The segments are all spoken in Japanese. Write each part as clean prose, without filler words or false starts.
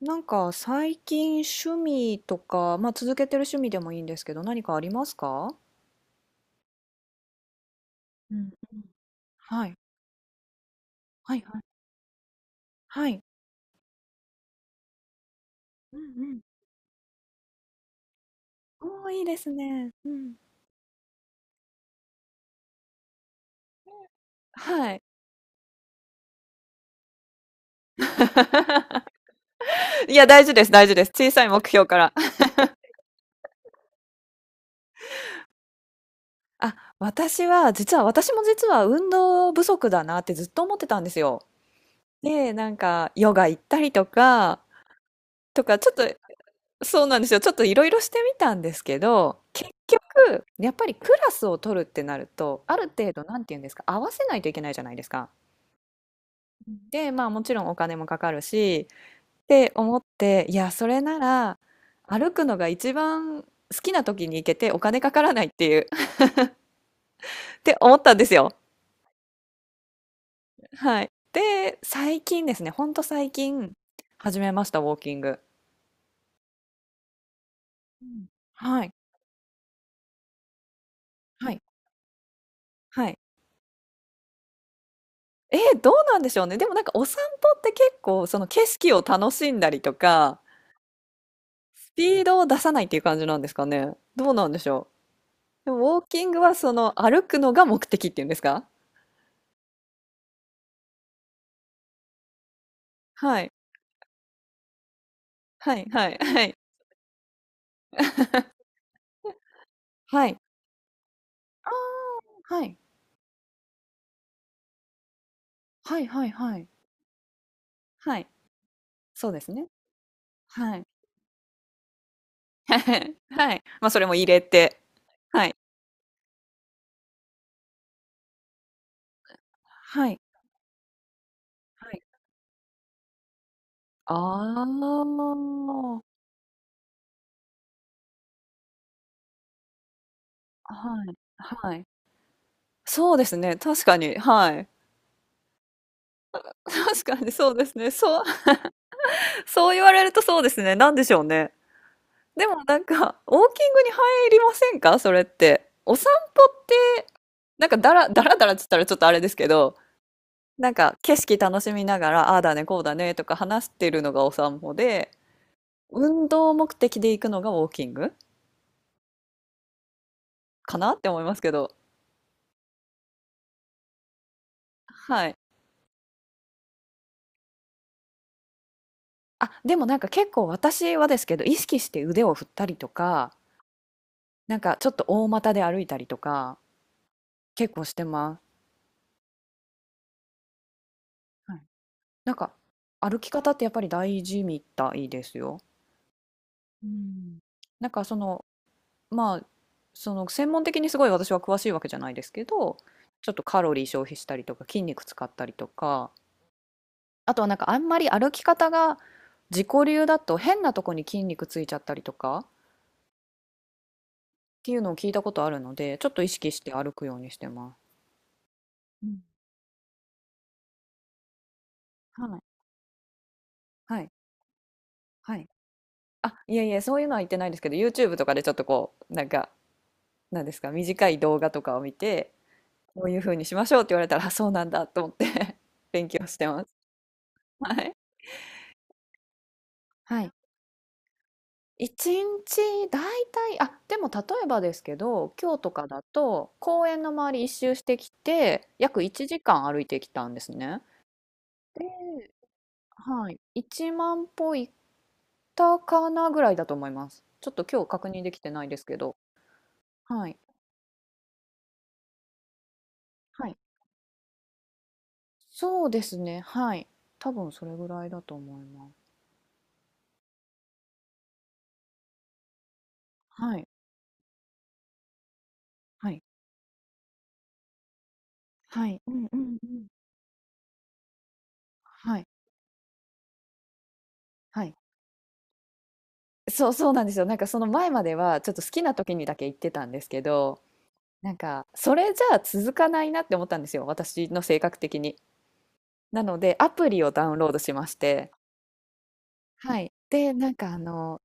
なんか最近趣味とか、まあ続けてる趣味でもいいんですけど、何かありますか？うんうん、はい。はいはい。はい。うんうん。おー、いいですね。うん。はい。いや、大事です、大事です。小さい目標から。あ、私も実は運動不足だなってずっと思ってたんですよ。で、なんか、ヨガ行ったりとか、ちょっと、そうなんですよ。ちょっといろいろしてみたんですけど、結局、やっぱりクラスを取るってなると、ある程度、なんていうんですか、合わせないといけないじゃないですか。で、まあもちろんお金もかかるし、って思って、いや、それなら、歩くのが一番好きな時に行けてお金かからないっていう って思ったんですよ。はい。で、最近ですね、ほんと最近始めました、ウォーキング。うん、はい。はい。はい。どうなんでしょうね。でもなんかお散歩って結構その景色を楽しんだりとか、スピードを出さないっていう感じなんですかね。どうなんでしょう。でもウォーキングはその歩くのが目的っていうんですか？はい。はい、はい、はい。はい。ああ、はい。はい、はい、はい。はい。そうですね。はい。はい。まあ、それも入れて。はい。はい。はい。ああ、はい。はい。そうですね。確かに。はい。確かにそうですね。そう、そう言われるとそうですね。なんでしょうね。でもなんか、ウォーキングに入りませんか、それって。お散歩って、なんかだらだらって言ったらちょっとあれですけど、なんか景色楽しみながら、ああだね、こうだねとか話してるのがお散歩で、運動目的で行くのがウォーキングかなって思いますけど。はい。あ、でもなんか結構私はですけど、意識して腕を振ったりとか、なんかちょっと大股で歩いたりとか、結構してます。なんか歩き方ってやっぱり大事みたいですよ。うん。なんかその、まあ、その専門的にすごい私は詳しいわけじゃないですけど、ちょっとカロリー消費したりとか、筋肉使ったりとか、あとはなんかあんまり歩き方が自己流だと変なとこに筋肉ついちゃったりとかっていうのを聞いたことあるので、ちょっと意識して歩くようにしてます。うん、はいはいはい、あ、いえいえ、そういうのは言ってないですけど、 YouTube とかでちょっとこう、なんか、なんですか、短い動画とかを見て、こういうふうにしましょうって言われたら、あ、そうなんだと思って 勉強してます。はい。はい。一日だいたい、あ、でも例えばですけど、今日とかだと公園の周り一周してきて、約1時間歩いてきたんですね。で、はい、1万歩行ったかなぐらいだと思います。ちょっと今日確認できてないですけど、はい、はい、そうですね、はい、多分それぐらいだと思います。はい、はい、はい、うんうんうん、はい、はい。そう、そうなんですよ。なんかその前まではちょっと好きな時にだけ行ってたんですけど、なんかそれじゃあ続かないなって思ったんですよ、私の性格的に。なのでアプリをダウンロードしまして、はい。で、なんかあの、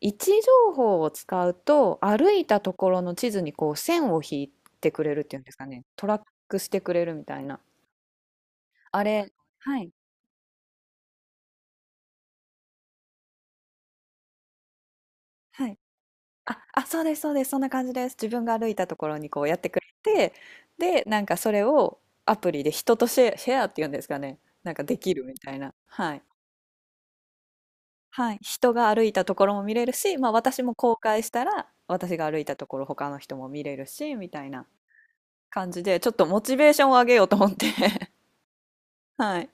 位置情報を使うと、歩いたところの地図にこう線を引いてくれるっていうんですかね、トラックしてくれるみたいな。あれ、はい、はい。あ、そうですそうです。そんな感じです。自分が歩いたところにこうやってくれて、で、なんかそれをアプリで人とシェアっていうんですかね。なんかできるみたいな。はい。はい。人が歩いたところも見れるし、まあ私も公開したら、私が歩いたところ他の人も見れるし、みたいな感じで、ちょっとモチベーションを上げようと思って。はい。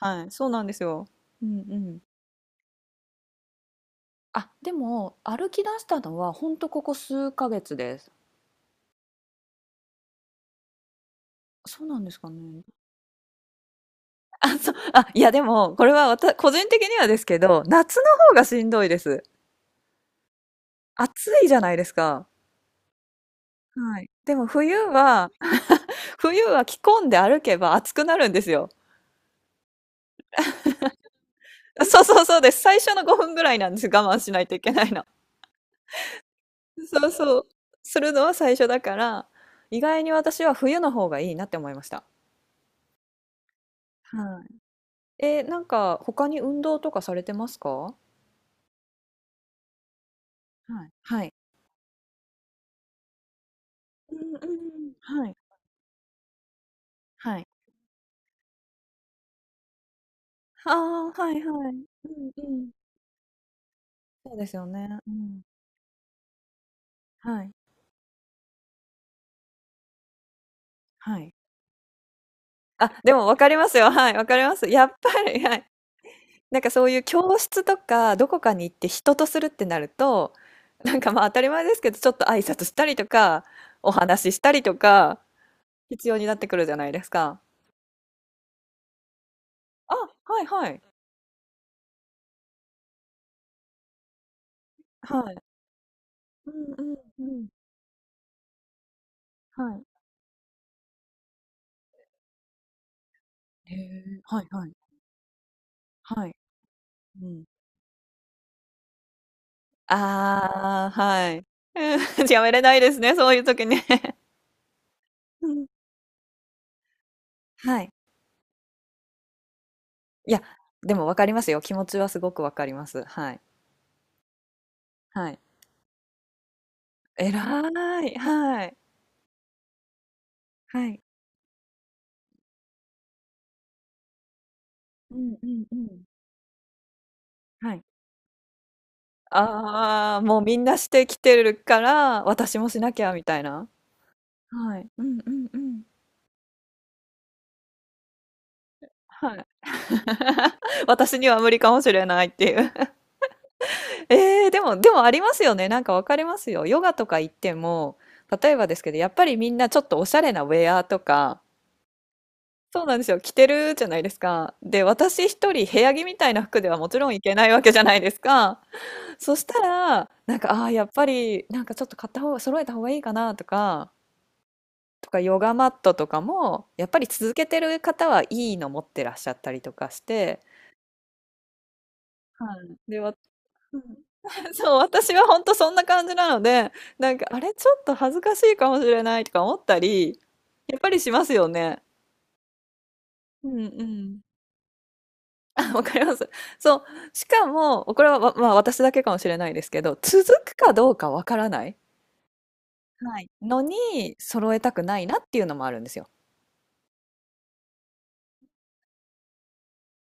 はい。そうなんですよ。うんうん。あ、でも歩き出したのはほんとここ数ヶ月です。そうなんですかね。あ、そう、あ、いやでも、これは個人的にはですけど、夏の方がしんどいです。暑いじゃないですか。はい。でも冬は着込んで歩けば暑くなるんですよ。そうそうそうです。最初の5分ぐらいなんです。我慢しないといけないの。そうそう。するのは最初だから、意外に私は冬の方がいいなって思いました。はい。なんか、他に運動とかされてますか？はい。はい。うんうんうん。はい。はい。ああ、はいはい。うんうん。そうですよね。うん。はい。はい。あ、でも分かりますよ。はい、分かります。やっぱり、はい。なんかそういう教室とか、どこかに行って人とするってなると、なんかまあ当たり前ですけど、ちょっと挨拶したりとか、お話ししたりとか、必要になってくるじゃないですか。あ、はいはい。はい。うんうんうん。はい。へえ、はいはい。はい。うん。ああ、はい。うん、 やめれないですね、そういう時ね。うん。はい。いや、でもわかりますよ。気持ちはすごくわかります。はい。はい。えらい。はい。はい。うんうんうん。はい。ああ、もうみんなしてきてるから、私もしなきゃみたいな。はい。うんうんうん。はい。私には無理かもしれないっていう。ええ、でもありますよね。なんかわかりますよ。ヨガとか行っても、例えばですけど、やっぱりみんなちょっとおしゃれなウェアとか、そうなんですよ。着てるじゃないですか。で、私一人部屋着みたいな服ではもちろんいけないわけじゃないですか。そしたら、なんか、ああ、やっぱり、なんかちょっと買った方が、揃えた方がいいかなとか、ヨガマットとかも、やっぱり続けてる方はいいの持ってらっしゃったりとかして、はい。で、うん。 そう、私は本当そんな感じなので、なんか、あれ、ちょっと恥ずかしいかもしれないとか思ったり、やっぱりしますよね。うんうん。わかります。そう。しかも、これは、まあ、私だけかもしれないですけど、続くかどうかわからない、はい、のに、揃えたくないなっていうのもあるんですよ。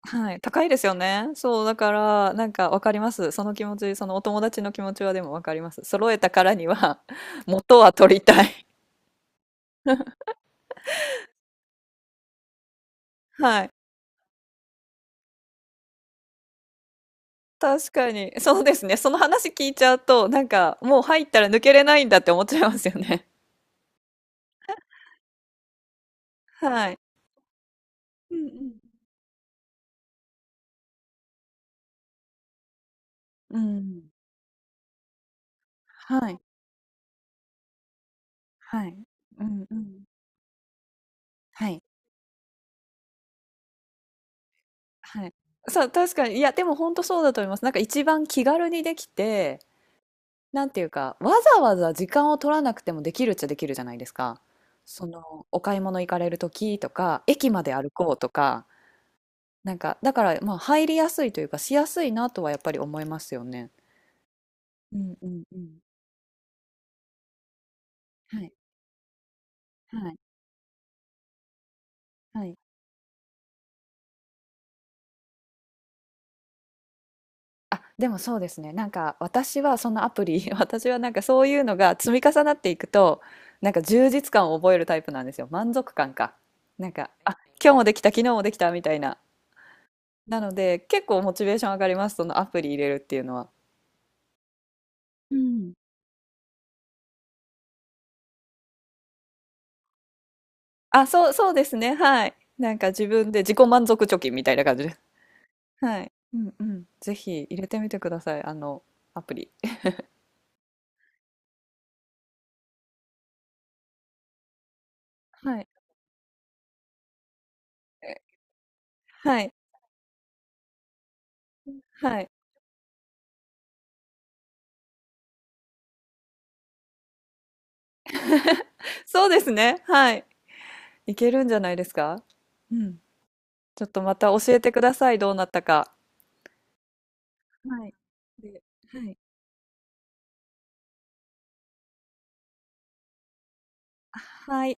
はい。高いですよね。そう、だから、なんかわかります。その気持ち、そのお友達の気持ちはでもわかります。揃えたからには、元は取りたい。はい。確かに。そうですね。その話聞いちゃうと、なんか、もう入ったら抜けれないんだって思っちゃいますよね。はい。うんうん。うん。はい。はい。うんうん。はい。はい。そう、確かに。いや、でも本当そうだと思います。なんか一番気軽にできて、なんていうか、わざわざ時間を取らなくてもできるっちゃできるじゃないですか。その、お買い物行かれる時とか、駅まで歩こうとか、なんか、だから、まあ、入りやすいというか、しやすいなとはやっぱり思いますよね。うんうんうん。はい。はい。はい。あ、でもそうですね。なんか私はそのアプリ、私はなんかそういうのが積み重なっていくと、なんか充実感を覚えるタイプなんですよ。満足感か。なんか、あ、今日もできた、昨日もできたみたいな。なので、結構モチベーション上がります。そのアプリ入れるっていうのは。うん。あ、そうそうですね。はい。なんか自分で自己満足貯金みたいな感じです。はい。うんうん。ぜひ入れてみてください。あの、アプリ。はい。え、はい。はい。そうですね。はい。いけるんじゃないですか？うん。ちょっとまた教えてください。どうなったか。はい。で、はい。はい。